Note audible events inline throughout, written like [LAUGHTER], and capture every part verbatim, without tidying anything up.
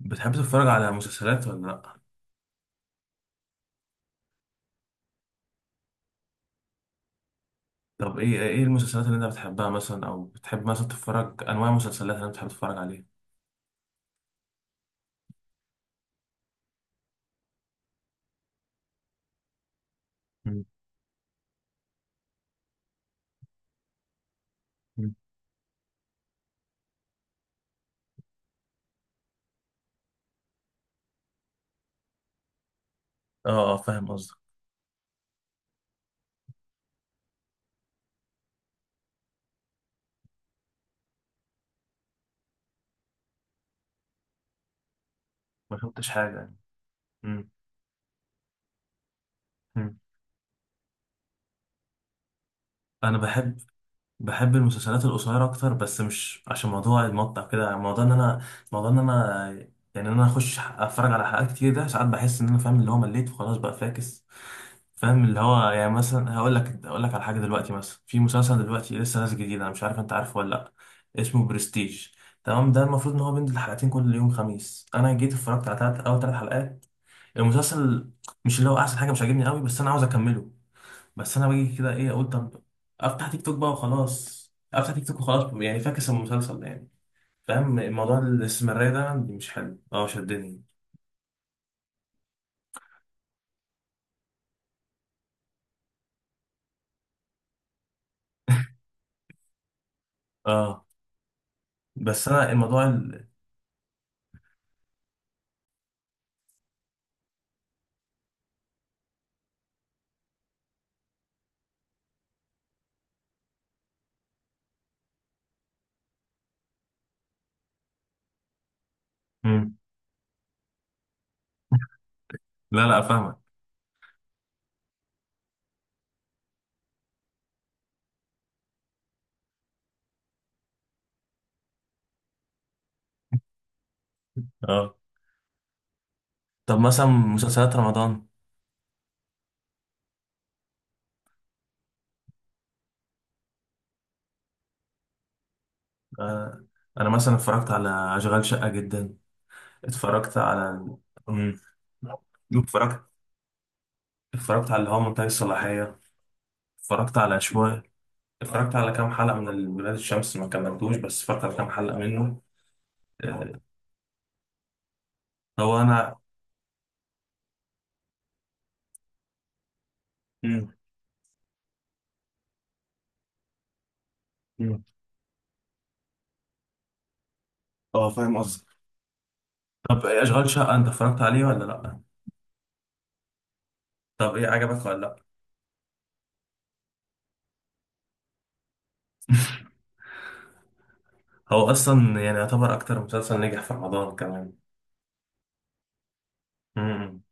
بتحب تتفرج على مسلسلات ولا لأ؟ طب ايه ايه المسلسلات اللي انت بتحبها مثلا او بتحب مثلا تتفرج انواع المسلسلات اللي انت بتحب تتفرج عليها؟ مم. مم. اه، اه فاهم قصدك. ما فهمتش حاجة يعني. مم. مم. انا بحب، بحب المسلسلات القصيرة أكتر، بس مش عشان موضوع المقطع كده. موضوع إن أنا، موضوع إن أنا يعني إن أنا أخش أتفرج على حلقات كتير، ده ساعات بحس إن أنا فاهم اللي هو مليت وخلاص بقى فاكس. فاهم اللي هو، يعني مثلا هقول لك هقول لك على حاجة دلوقتي. مثلا في مسلسل دلوقتي لسه نازل جديد، أنا مش عارف أنت عارفه ولا لأ، اسمه برستيج. تمام، ده المفروض إن هو بينزل حلقتين كل يوم خميس. أنا جيت اتفرجت على تلات، أول تلات حلقات المسلسل، مش اللي هو أحسن حاجة، مش عاجبني قوي، بس أنا عاوز أكمله. بس انا باجي كده، ايه اقول؟ طب افتح تيك توك بقى وخلاص، افتح تيك توك وخلاص، يعني فاكس المسلسل ده يعني. فاهم الموضوع؟ الاستمرارية ده عندي مش حلو، اه شدني. اه، بس انا الموضوع ال... امم لا لا، فاهمك. اه، طب مثلا مسلسلات رمضان. آه، انا مثلا اتفرجت على اشغال شقة جدا. اتفرجت على، امم اتفرجت، اتفرجت على اللي هو منتهي الصلاحية. اتفرجت على شوية، اتفرجت على كام حلقة من ال- ولاد الشمس، ما كملتوش بس اتفرجت على كام حلقة منه. آه، هو انا، مم، مم. اه. طب إيه اشغال شقه انت اتفرجت عليه ولا لا؟ طب ايه عجبك ولا لا؟ [LAUGHS] هو اصلا يعني يعتبر اكتر مسلسل نجح في رمضان كمان. امم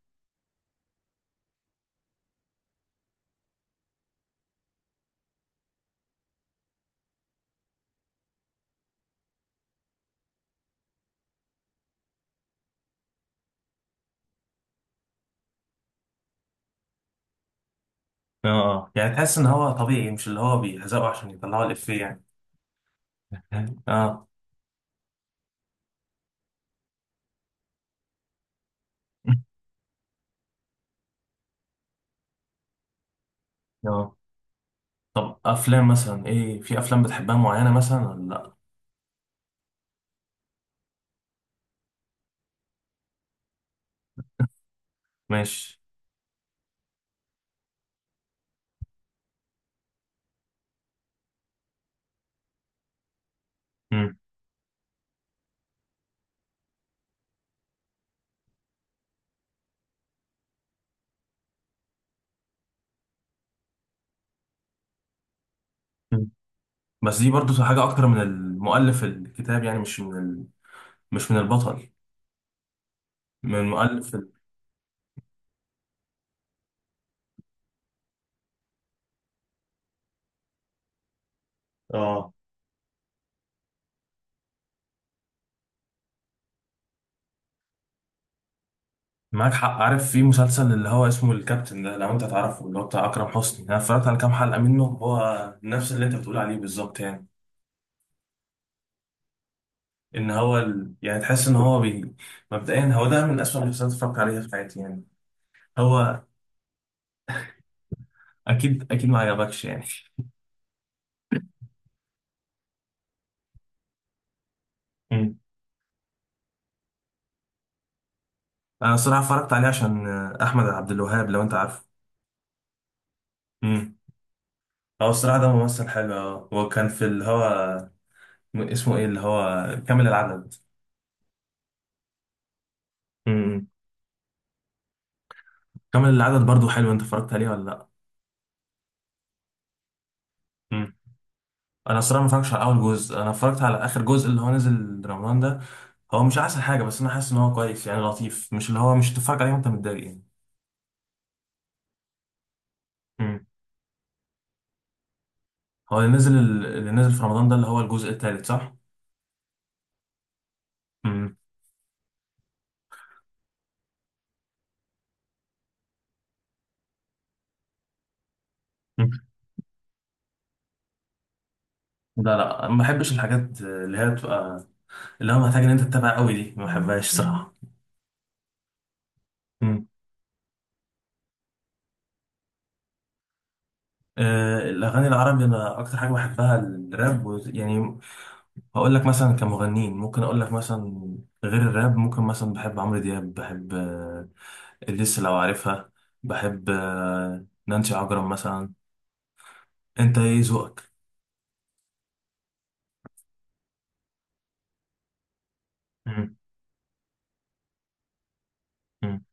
اه، آه، يعني تحس ان هو طبيعي، مش اللي هو بيهزقوا عشان يطلعوا الافيه يعني. [LAUGHS] اه. اه طب افلام مثلا، ايه في افلام بتحبها معينه مثلا ولا لا؟ ماشي. مم. مم. بس دي برضو حاجه اكتر من المؤلف الكتاب يعني، مش من ال... مش من البطل، من المؤلف ال... اه، معاك حق. عارف في مسلسل اللي هو اسمه الكابتن ده، لو انت تعرفه، اللي هو بتاع اكرم حسني؟ انا اتفرجت على كام حلقه منه، هو نفس اللي انت بتقول عليه بالظبط يعني. ان هو ال... يعني تحس ان هو بي... مبدئيا هو ده من اسوأ المسلسلات اللي اتفرجت عليها في حياتي يعني. هو اكيد، اكيد ما عجبكش يعني. امم انا الصراحه اتفرجت عليه عشان آه، احمد عبد الوهاب، لو انت عارفه. امم هو الصراحه ده ممثل حلو. اه، هو كان في اللي هو، اسمه ايه اللي هو كامل العدد. امم كامل العدد برضو حلو، انت اتفرجت عليه ولا لا؟ انا الصراحه ما اتفرجتش على اول جزء، انا اتفرجت على اخر جزء اللي هو نزل رمضان ده. هو مش احسن حاجه، بس انا حاسس ان هو كويس يعني، لطيف، مش اللي هو مش تتفرج عليه وانت متضايق يعني. امم هو اللي نزل، اللي نزل في رمضان ده اللي هو الجزء الثالث صح؟ امم لا لا، ما بحبش الحاجات اللي هي بتبقى، اللي هو محتاج ان انت تتابع قوي دي، ما بحبهاش صراحه. امم آه، الاغاني العربي انا اكتر حاجه بحبها الراب و- يعني، هقول لك مثلا كمغنيين، ممكن اقول لك مثلا غير الراب، ممكن مثلا بحب عمرو دياب، بحب، لسه لو عارفها، بحب آه، نانسي عجرم مثلا. انت ايه ذوقك؟ مم، مم،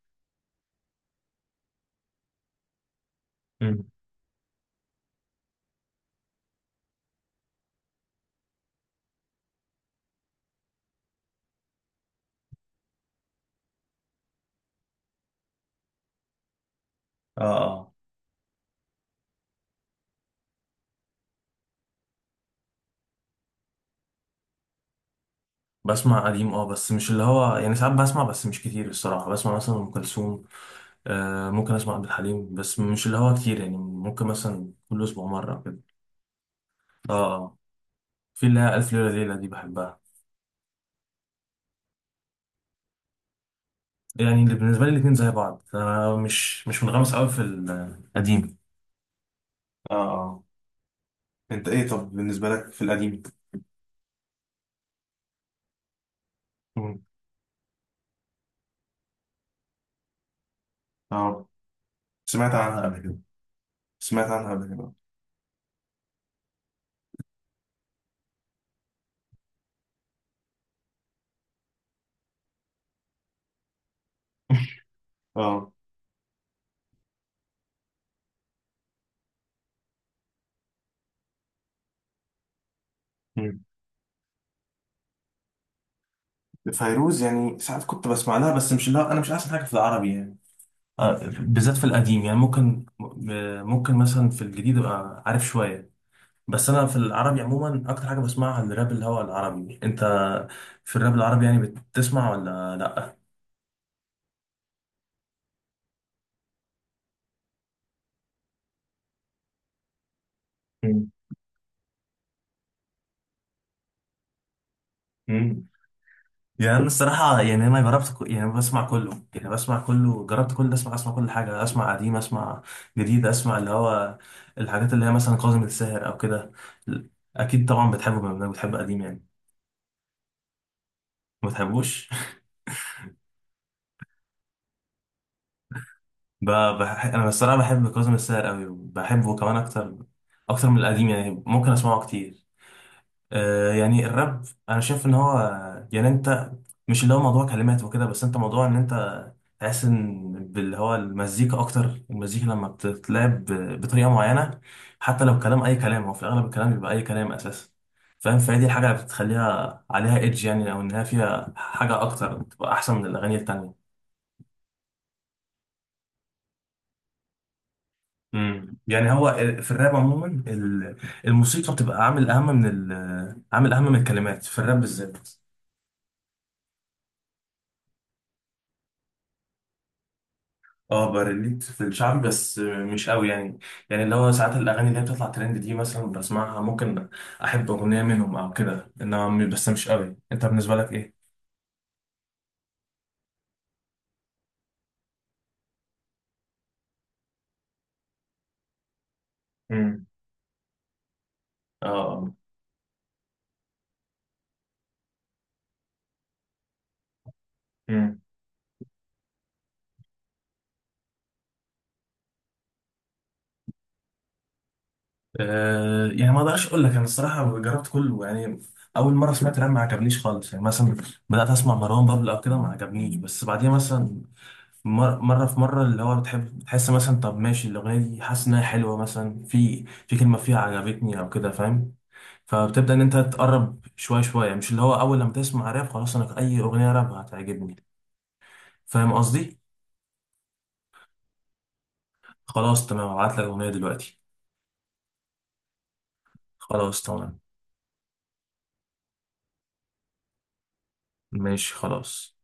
مم. اه، اه بسمع قديم اه، بس مش اللي هو يعني، ساعات بسمع بس مش كتير الصراحة. بسمع مثلا ام كلثوم، آه ممكن اسمع عبد الحليم، بس مش اللي هو كتير يعني، ممكن مثلا كل اسبوع مرة كده. اه، اه في اللي هي الف ليلة ليلة دي بحبها. يعني اللي بالنسبة لي الاتنين زي بعض، انا مش، مش منغمس قوي في القديم. اه، اه انت ايه طب بالنسبه لك في القديم؟ مم. اه، سمعت عنها قبل كده، سمعت عنها قبل كده [LAUGHS] اه. مم. فيروز يعني ساعات كنت بسمع لها، بس مش، لا انا مش احسن حاجه في العربي يعني. آه، بالذات في القديم يعني، ممكن م- ممكن مثلا في الجديد ابقى عارف شويه. بس انا في العربي عموما اكتر حاجه بسمعها الراب اللي هو العربي. انت في الراب العربي يعني بتسمع ولا لا؟ مم. مم. يعني انا الصراحه يعني، انا جربت ك- يعني بسمع كله، يعني بسمع كله. جربت كل ده، اسمع، اسمع كل حاجه، اسمع قديم، اسمع جديد، اسمع اللي هو الحاجات اللي هي مثلا كاظم الساهر او كده. اكيد طبعا بتحبه بما انك بتحب قديم يعني. ما بتحبوش؟ [LAUGHS] ب-، بح...، انا الصراحه بحب كاظم الساهر قوي، وبحبه كمان اكتر، اكتر من القديم يعني، ممكن اسمعه كتير. آه، يعني الراب انا شايف ان هو، يعني انت، مش اللي هو موضوع كلمات وكده بس، انت موضوع ان انت تحس ان باللي هو المزيكا اكتر، المزيكا لما بتتلعب ب- بطريقه معينه، حتى لو كلام اي كلام، هو في الاغلب الكلام بيبقى اي كلام اساسا، فاهم؟ فهي دي الحاجه اللي بتخليها عليها ايدج يعني، او انها فيها حاجه اكتر بتبقى احسن من الاغاني التانيه. امم يعني هو في الراب عموما ال- الموسيقى بتبقى عامل اهم من ال- عامل اهم من الكلمات في الراب بالذات. اه بريليت في الشعب بس مش قوي يعني. يعني اللي هو ساعات الاغاني اللي هي بتطلع ترند دي مثلا بسمعها، ممكن احب اغنيه منهم او كده، انما م-، بس مش قوي. انت بالنسبه لك ايه؟ امم اه آه. امم آه، يعني ما اقدرش اقول لك، انا الصراحه جربت كله يعني. اول مره سمعت راب ما عجبنيش خالص يعني، مثلا بدات اسمع مروان بابلو او كده، ما عجبنيش، بس بعديها مثلا، مر- مره في مره، اللي هو بتحب بتحس مثلا، طب ماشي الاغنيه دي حاسس انها حلوه، مثلا في في كلمه فيها عجبتني او كده، فاهم؟ فبتبدأ إن أنت تقرب شوية شوية، مش اللي هو أول لما تسمع راب خلاص أنا أي أغنية راب هتعجبني. فاهم قصدي؟ خلاص تمام، هبعت لك أغنية دلوقتي. خلاص تمام. ماشي خلاص.